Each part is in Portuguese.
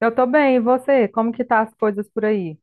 Eu tô bem, e você? Como que tá as coisas por aí?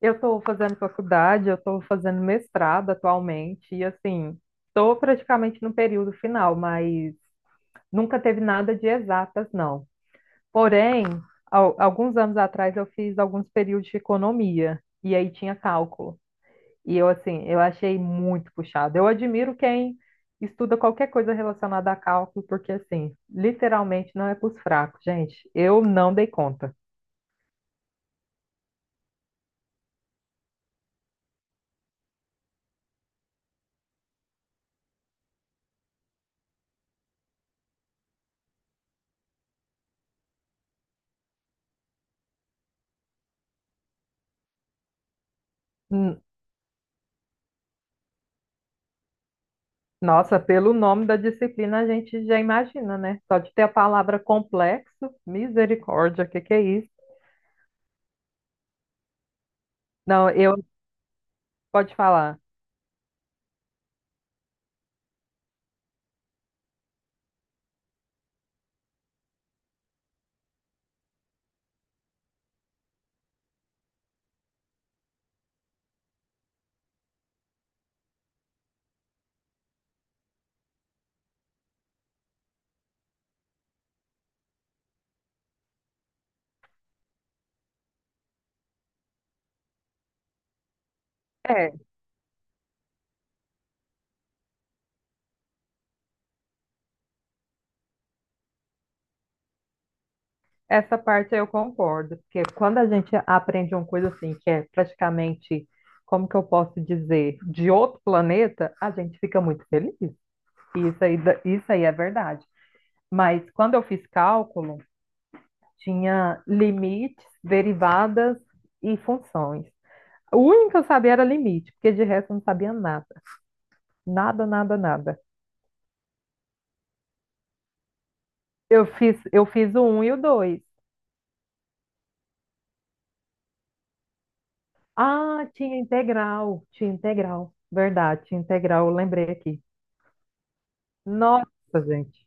Eu estou fazendo faculdade, eu estou fazendo mestrado atualmente, e assim, estou praticamente no período final, mas nunca teve nada de exatas, não. Porém, alguns anos atrás eu fiz alguns períodos de economia, e aí tinha cálculo. E eu, assim, eu achei muito puxado. Eu admiro quem estuda qualquer coisa relacionada a cálculo, porque, assim, literalmente não é para os fracos, gente. Eu não dei conta. Nossa, pelo nome da disciplina a gente já imagina, né? Só de ter a palavra complexo, misericórdia, o que que é isso? Não, eu pode falar. É, essa parte eu concordo, porque quando a gente aprende uma coisa assim, que é praticamente, como que eu posso dizer, de outro planeta, a gente fica muito feliz. E isso aí é verdade. Mas quando eu fiz cálculo, tinha limites, derivadas e funções. O único que eu sabia era limite, porque de resto eu não sabia nada. Nada, nada, nada. Eu fiz o um e o dois. Ah, tinha integral, tinha integral. Verdade, tinha integral, eu lembrei aqui. Nossa, gente.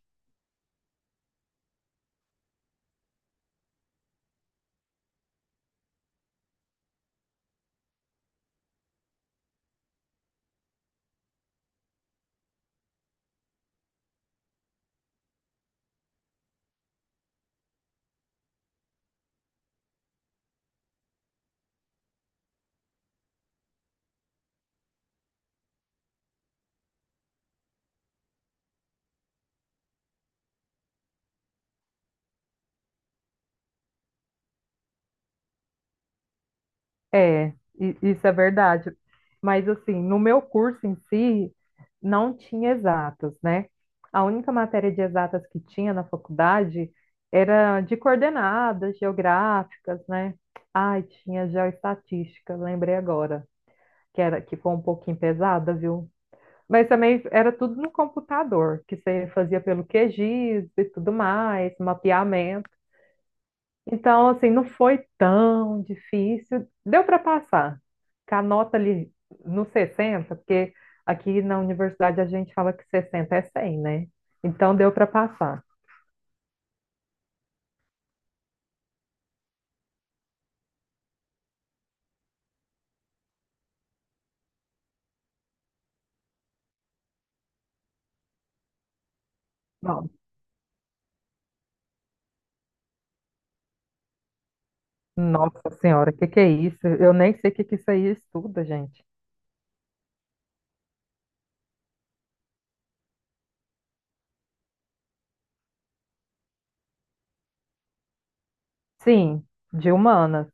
É, isso é verdade. Mas assim, no meu curso em si, não tinha exatas, né? A única matéria de exatas que tinha na faculdade era de coordenadas geográficas, né? Ai, tinha geoestatística, lembrei agora. Que era que foi um pouquinho pesada, viu? Mas também era tudo no computador, que você fazia pelo QGIS e tudo mais, mapeamento. Então, assim, não foi tão difícil. Deu para passar. Com a nota ali no 60, porque aqui na universidade a gente fala que 60 é 100, né? Então, deu para passar. Bom, nossa senhora, o que que é isso? Eu nem sei o que que isso aí estuda, gente. Sim, de humanas.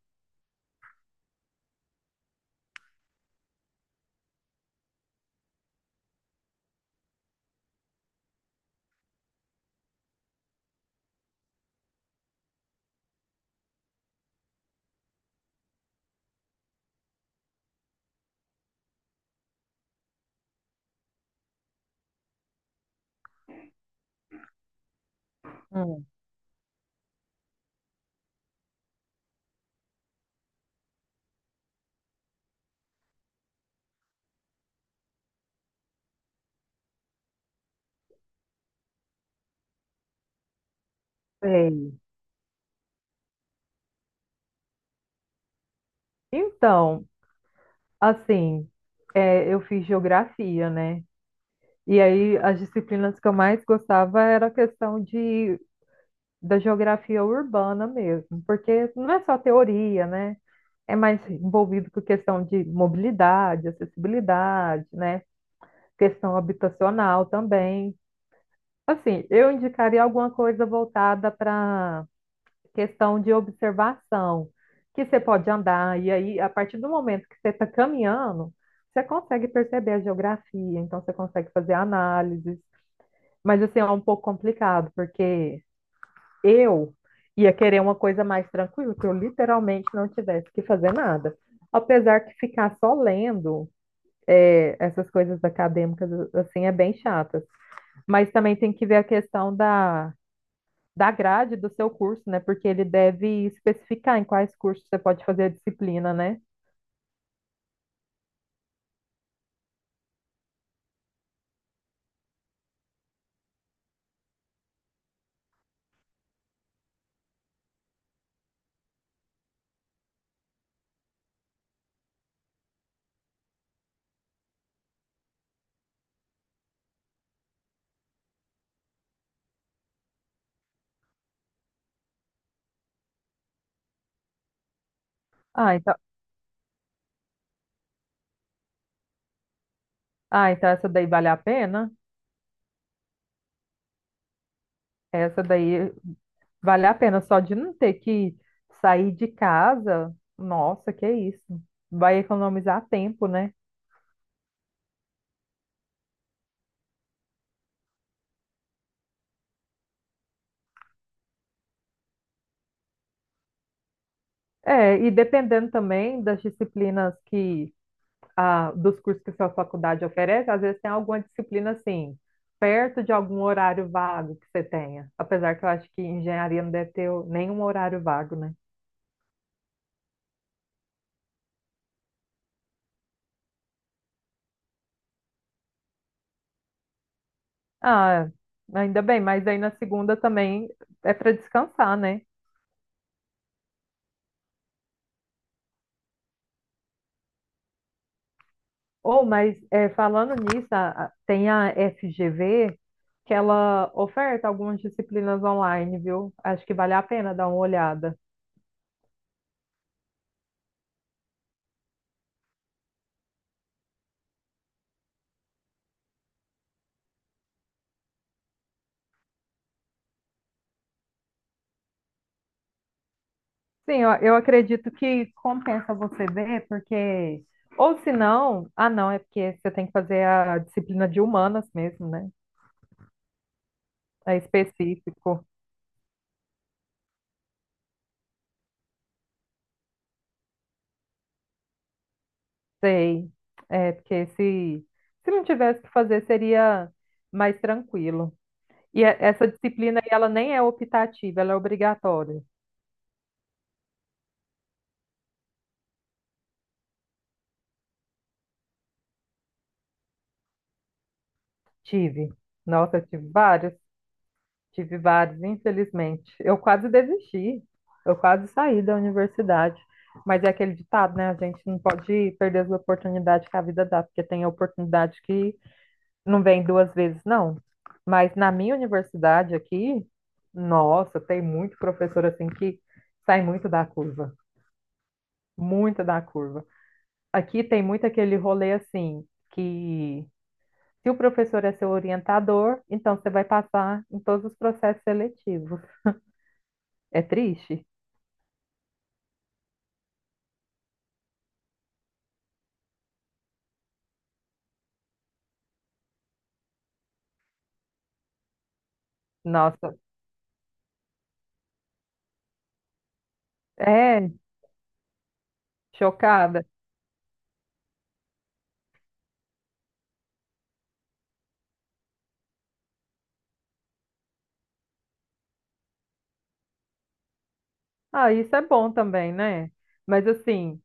Hum. Sei. Então, assim, é, eu fiz geografia, né? E aí as disciplinas que eu mais gostava era a questão de, da geografia urbana mesmo, porque não é só teoria, né? É mais envolvido com questão de mobilidade, acessibilidade, né? Questão habitacional também. Assim, eu indicaria alguma coisa voltada para questão de observação, que você pode andar, e aí, a partir do momento que você está caminhando, você consegue perceber a geografia, então você consegue fazer análises, mas assim, é um pouco complicado, porque eu ia querer uma coisa mais tranquila, que eu literalmente não tivesse que fazer nada. Apesar que ficar só lendo é, essas coisas acadêmicas, assim, é bem chatas. Mas também tem que ver a questão da grade do seu curso, né? Porque ele deve especificar em quais cursos você pode fazer a disciplina, né? Ah, então, ah, então, essa daí vale a pena? Essa daí vale a pena só de não ter que sair de casa. Nossa, que isso. Vai economizar tempo, né? É, e dependendo também das disciplinas que dos cursos que sua faculdade oferece, às vezes tem alguma disciplina assim, perto de algum horário vago que você tenha. Apesar que eu acho que engenharia não deve ter nenhum horário vago, né? Ah, ainda bem, mas aí na segunda também é para descansar, né? Ou, mas é, falando nisso, tem a FGV que ela oferta algumas disciplinas online, viu? Acho que vale a pena dar uma olhada. Sim, eu acredito que compensa você ver, porque. Ou se não, ah, não, é porque você tem que fazer a disciplina de humanas mesmo, né? É específico, sei. É, porque se não tivesse que fazer, seria mais tranquilo. E essa disciplina, aí, ela nem é optativa, ela é obrigatória. Tive. Nossa, eu tive vários. Tive vários, infelizmente. Eu quase desisti, eu quase saí da universidade. Mas é aquele ditado, né? A gente não pode perder as oportunidades que a vida dá, porque tem oportunidade que não vem duas vezes, não. Mas na minha universidade aqui, nossa, tem muito professor assim que sai muito da curva, muito da curva. Aqui tem muito aquele rolê assim, que se o professor é seu orientador, então você vai passar em todos os processos seletivos. É triste? Nossa, é, chocada. Ah, isso é bom também, né? Mas assim,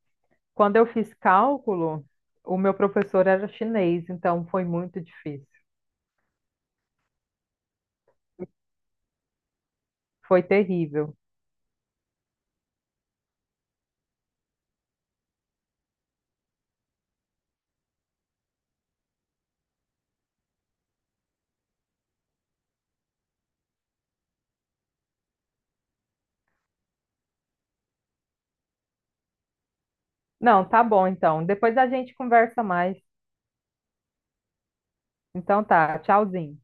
quando eu fiz cálculo, o meu professor era chinês, então foi muito difícil. Foi terrível. Não, tá bom então. Depois a gente conversa mais. Então tá, tchauzinho.